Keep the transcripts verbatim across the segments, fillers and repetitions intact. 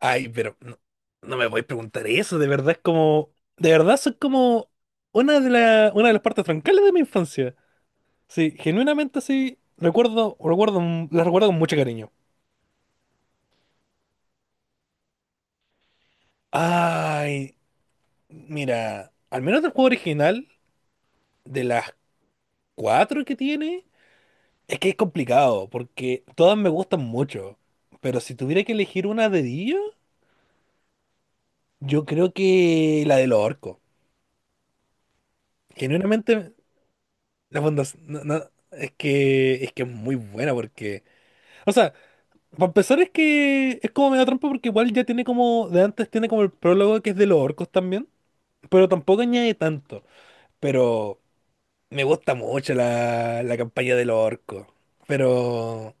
Ay, pero no, no me voy a preguntar eso, de verdad es como, de verdad son como una de la, una de las partes troncales de mi infancia. Sí, genuinamente sí, recuerdo, recuerdo, m- las recuerdo con mucho cariño. Ay, mira, al menos del juego original, de las cuatro que tiene, es que es complicado, porque todas me gustan mucho. Pero si tuviera que elegir una de ellos, yo creo que la de los orcos. Genuinamente. La fundación, no, no, es que es que es muy buena porque, o sea, para empezar es que es como medio trampa porque igual ya tiene como, de antes tiene como el prólogo que es de los orcos también, pero tampoco añade tanto, pero me gusta mucho la, la campaña de los orcos, pero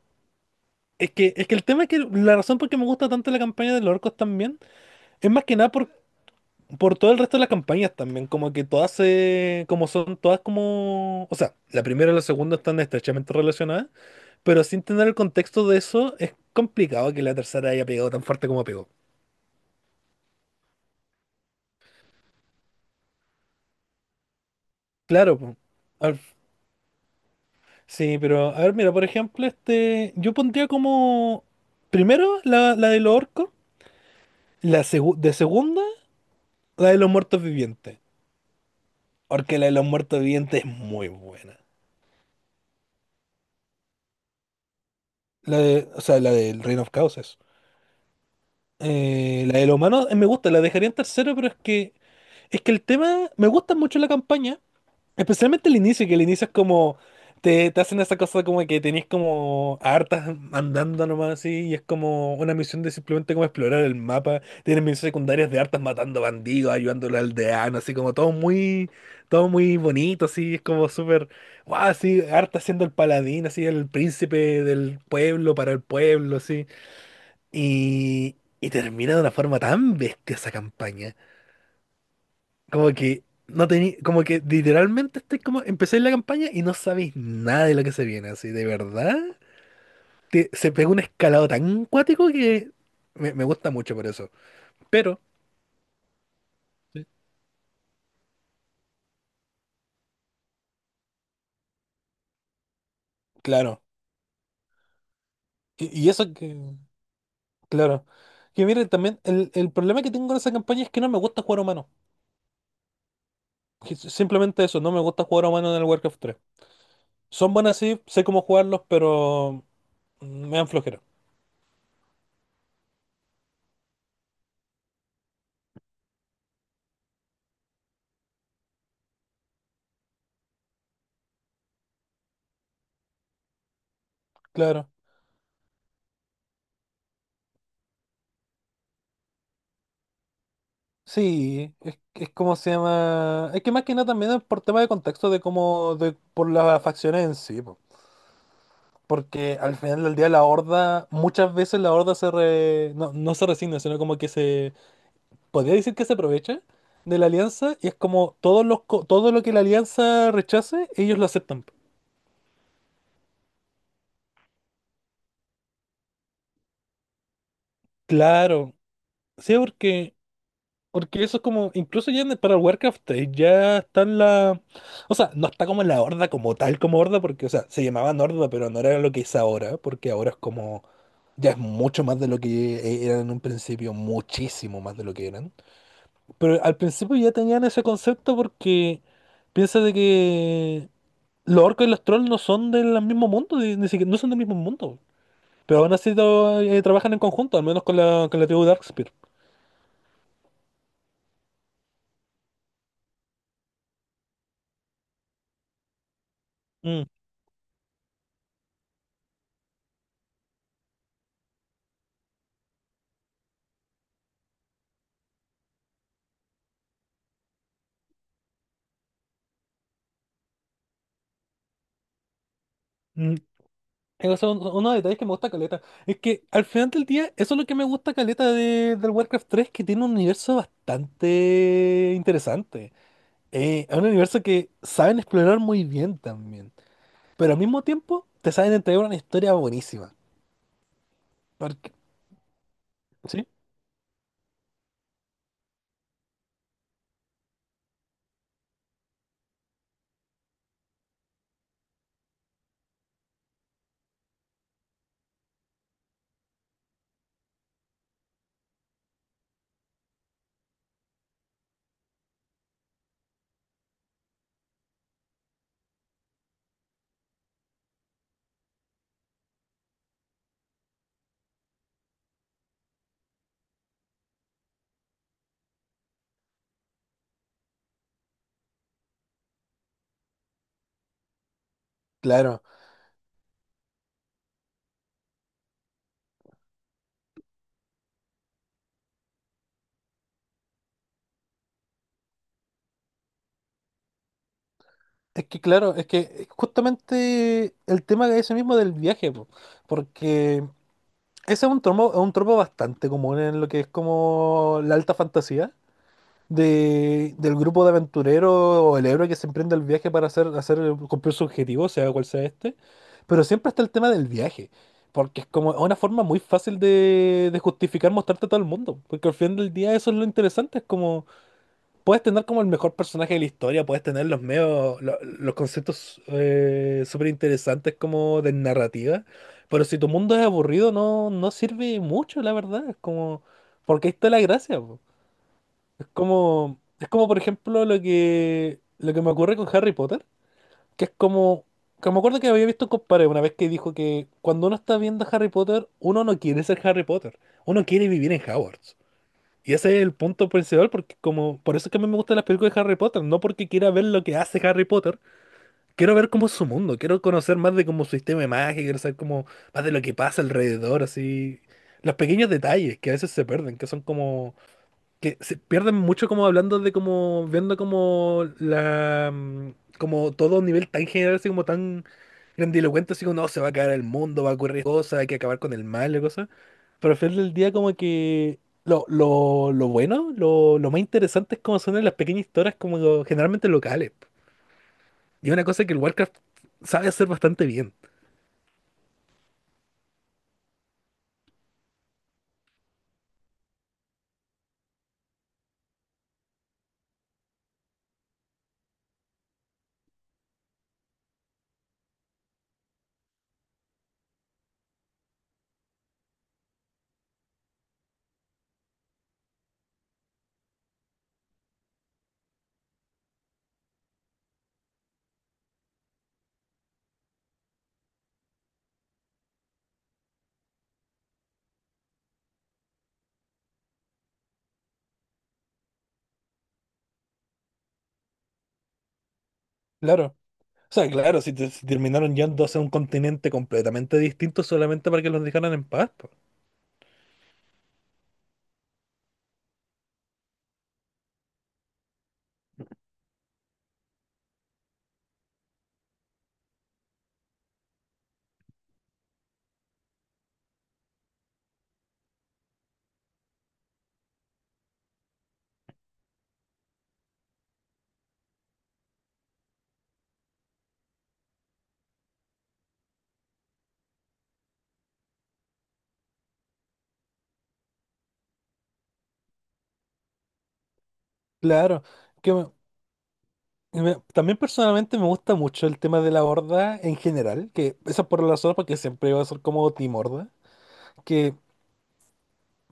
es que, es que el tema es que la razón por qué me gusta tanto la campaña de los orcos también es más que nada. Por todo el resto de las campañas también, como que todas se, como son todas como, o sea, la primera y la segunda están estrechamente relacionadas, pero sin tener el contexto de eso, es complicado que la tercera haya pegado tan fuerte como pegó. Claro, po. Al- sí, pero a ver, mira, por ejemplo, este, yo pondría como, primero la, la de los orcos, la segu- de segunda, la de los muertos vivientes, porque la de los muertos vivientes es muy buena. La de, o sea, la del Reino of Chaos. Eh, la de los humanos eh, me gusta, la dejaría en tercero, pero es que es que el tema me gusta mucho la campaña, especialmente el inicio, que el inicio es como te, te hacen esa cosa como que tenés como hartas andando nomás así, y es como una misión de simplemente como explorar el mapa, tienes misiones secundarias de hartas matando bandidos, ayudando al aldeano, así como todo muy, todo muy bonito, así, es como súper, wow, así, harta siendo el paladín, así, el príncipe del pueblo para el pueblo, así. Y, y termina de una forma tan bestia esa campaña. Como que no tení, como que literalmente estoy como, empecé la campaña y no sabéis nada de lo que se viene, así, de verdad. Te- se pegó un escalado tan cuático que me, me gusta mucho por eso. Pero, claro. Y, y eso que, claro. Que miren, también el, el problema que tengo con esa campaña es que no me gusta jugar humano. Que s- Simplemente eso, no me gusta jugar humano en el Warcraft tres. Son buenas, sí, sé cómo jugarlos, pero me dan flojera. Claro. Sí, es, es como se llama. Es que más que nada también es por tema de contexto de cómo, de, por las facciones en sí, po. Porque al final del día la horda, muchas veces la horda se re- no, no se resigna, sino como que se, podría decir que se aprovecha de la alianza y es como todos los, co- todo lo que la alianza rechace, ellos lo aceptan. Claro, sí, porque porque eso es como, incluso ya en- para Warcraft eh, ya está en la... O sea, no está como en la horda como tal, como horda, porque, o sea, se llamaban horda, pero no era lo que es ahora, porque ahora es como... Ya es mucho más de lo que eran en un principio, muchísimo más de lo que eran. Pero al principio ya tenían ese concepto porque piensa de que los orcos y los trolls no son del mismo mundo, ni ni siquiera, no son del mismo mundo. Pero aún así to- eh, trabajan en conjunto, al menos con la, con la tribu Darkspear. Mm. Eso es un- uno de los detalles que me gusta caleta. Es que al final del día, eso es lo que me gusta caleta de, del Warcraft tres, que tiene un universo bastante interesante. Eh, es un universo que saben explorar muy bien también. Pero al mismo tiempo, te saben entregar una historia buenísima. Porque, ¿sí? Claro. Es que, claro, es que justamente el tema que ese mismo del viaje, po. Porque ese es un tropo, es un tropo bastante común en lo que es como la alta fantasía de, del grupo de aventureros o el héroe que se emprende el viaje para hacer, hacer cumplir su objetivo, sea cual sea este. Pero siempre está el tema del viaje, porque es como una forma muy fácil de, de justificar mostrarte a todo el mundo, porque al final del día eso es lo interesante, es como puedes tener como el mejor personaje de la historia, puedes tener los medios, lo- los conceptos eh, súper interesantes como de narrativa, pero si tu mundo es aburrido no, no sirve mucho, la verdad, es como, porque ahí está la gracia. Como, es como, por ejemplo, lo que, lo que me ocurre con Harry Potter, que es como, que me acuerdo que había visto un compadre una vez que dijo que cuando uno está viendo Harry Potter, uno no quiere ser Harry Potter, uno quiere vivir en Hogwarts. Y ese es el punto principal, porque como, por eso es que a mí me gustan las películas de Harry Potter, no porque quiera ver lo que hace Harry Potter, quiero ver cómo es su mundo, quiero conocer más de cómo su sistema de magia, quiero saber cómo, más de lo que pasa alrededor, así, los pequeños detalles que a veces se pierden, que son como que se pierden mucho como hablando de como viendo como la mm, como todo a un nivel tan general así como tan grandilocuente así como no se va a caer el mundo va a ocurrir cosas hay que acabar con el mal y cosas, pero al final del día como que lo, lo, lo bueno lo, lo más interesante es como son las pequeñas historias como lo- generalmente locales, y una cosa que el Warcraft sabe hacer bastante bien. Claro. O sea, claro, si, te- si terminaron yendo hacia un continente completamente distinto solamente para que los dejaran en paz, po. Claro, que... y me- también personalmente me gusta mucho el tema de la horda en general, que eso es por la razón porque siempre va a ser como Team Horda, que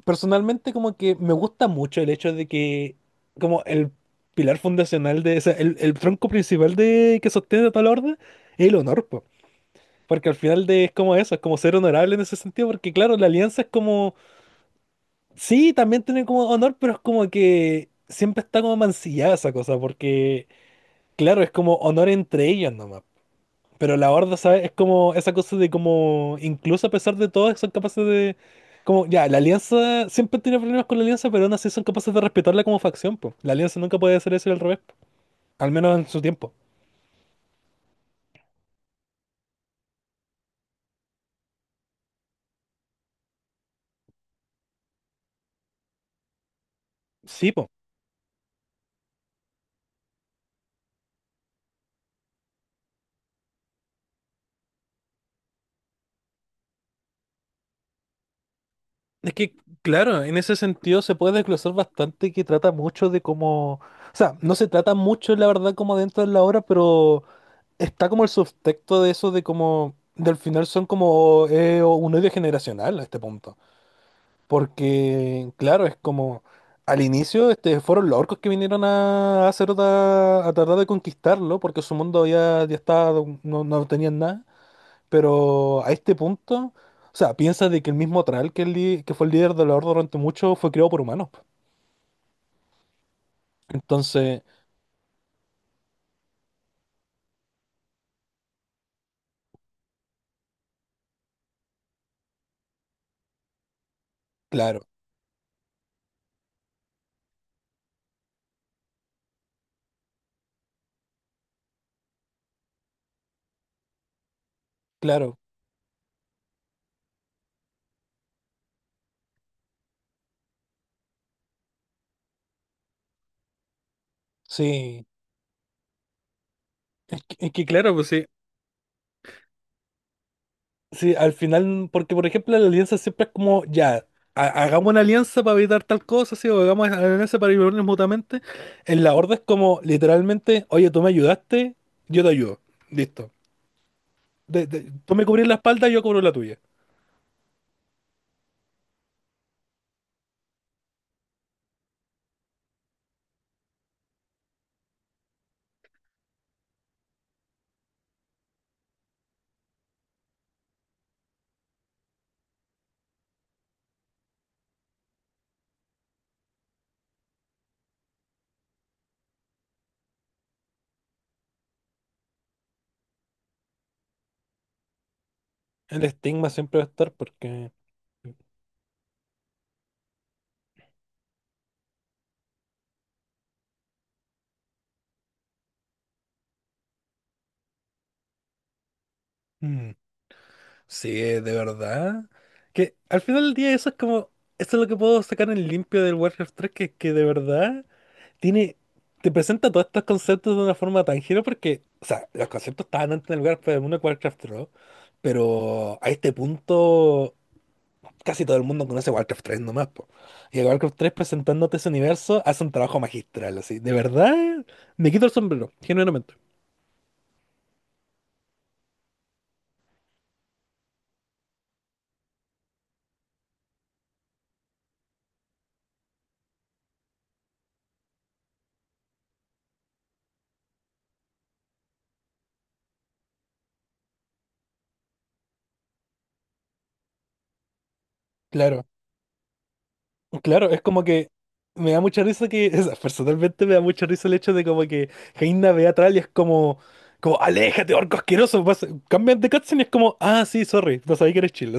personalmente como que me gusta mucho el hecho de que como el pilar fundacional de, o sea, el, el tronco principal de que sostiene a toda la horda es el honor, po. Porque al final de, es como eso, es como ser honorable en ese sentido, porque claro, la alianza es como, sí, también tiene como honor, pero es como que siempre está como mancillada esa cosa, porque claro, es como honor entre ellos. Pero la horda, ¿sabes? Es como esa cosa de como, incluso a pesar de todo, son capaces de... Como, ya, la alianza siempre tiene problemas con la alianza, pero aún así son capaces de respetarla como facción, po. La alianza nunca puede hacer eso y al revés, po. Al menos en su tiempo. Sí, po. Es que, claro, en ese sentido se puede desglosar bastante que trata mucho de cómo... O sea, no se trata mucho, la verdad, como dentro de la obra, pero está como el subtexto de eso de como... Del final son como eh, un odio generacional a este punto. Porque, claro, es como al inicio este, fueron los orcos que vinieron a, a hacer otra- a tratar de conquistarlo, porque su mundo ya, ya estaba, no, no tenían nada. Pero a este punto, o sea, piensa de que el mismo Thrall, que, el li- que fue el líder de la Horda durante mucho, fue creado por humanos. Entonces, claro, claro, sí. Es que, es que claro, pues sí. Sí, al final, porque por ejemplo la alianza siempre es como, ya, ha- hagamos una alianza para evitar tal cosa, sí, o hagamos una alianza para ayudarnos mutuamente. En la horda es como, literalmente, oye, tú me ayudaste, yo te ayudo. Listo. De- de- tú me cubrís la espalda, yo cubro la tuya. El estigma siempre va a estar porque... Mm, sí, de verdad. Que al final del día eso es como, eso es lo que puedo sacar en limpio del Warcraft tres, que, que de verdad... tiene, te presenta todos estos conceptos de una forma tan genial porque, o sea, los conceptos estaban antes en el lugar del mundo de Warcraft tres, pero a este punto casi todo el mundo conoce Warcraft tres nomás, po. Y el Warcraft tres presentándote ese universo hace un trabajo magistral, así. De verdad, me quito el sombrero, genuinamente. Claro, claro, es como que me da mucha risa que, o sea, personalmente me da mucha risa el hecho de como que Jaina ve a Thrall y es como, como, aléjate, orco asqueroso, vas- cambian de cutscene y es como, ah, sí, sorry, no sabía que eres chill.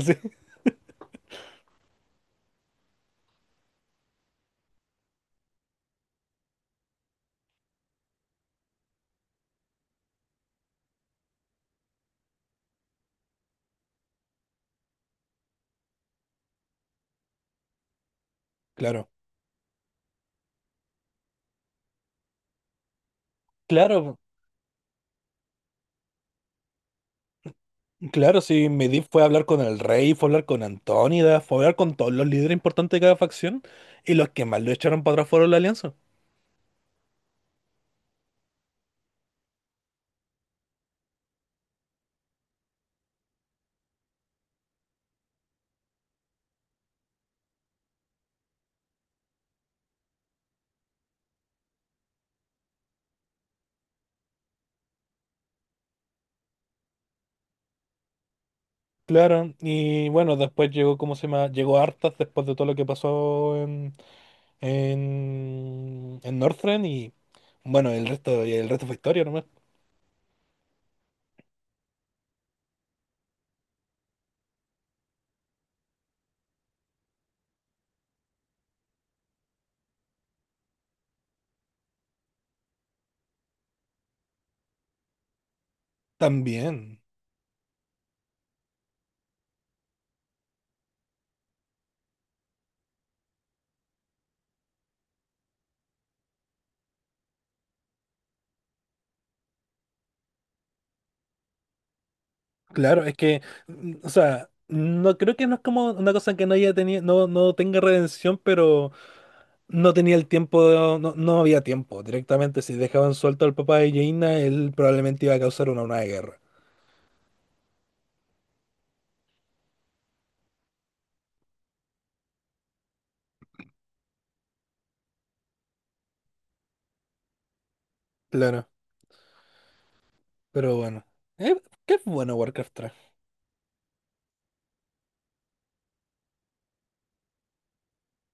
Claro, claro, claro, sí, Medivh fue a hablar con el rey, fue a hablar con Antónida, fue a hablar con todos los líderes importantes de cada facción, y los que más lo echaron para atrás fueron la alianza. Claro, y bueno, después llegó, ¿cómo se llama? Llegó Arthas después de todo lo que pasó en, en, en Northrend, y bueno, el resto, el resto fue historia nomás. También, claro, es que, mm, o sea, no creo que no es como una cosa que no haya tenido, no, no tenga redención, pero... No tenía el tiempo, no, no había tiempo. Directamente, si dejaban suelto al papá de Jaina, él probablemente iba a causar una, una guerra. Claro, pero bueno. Eh, ¿qué es bueno Warcraft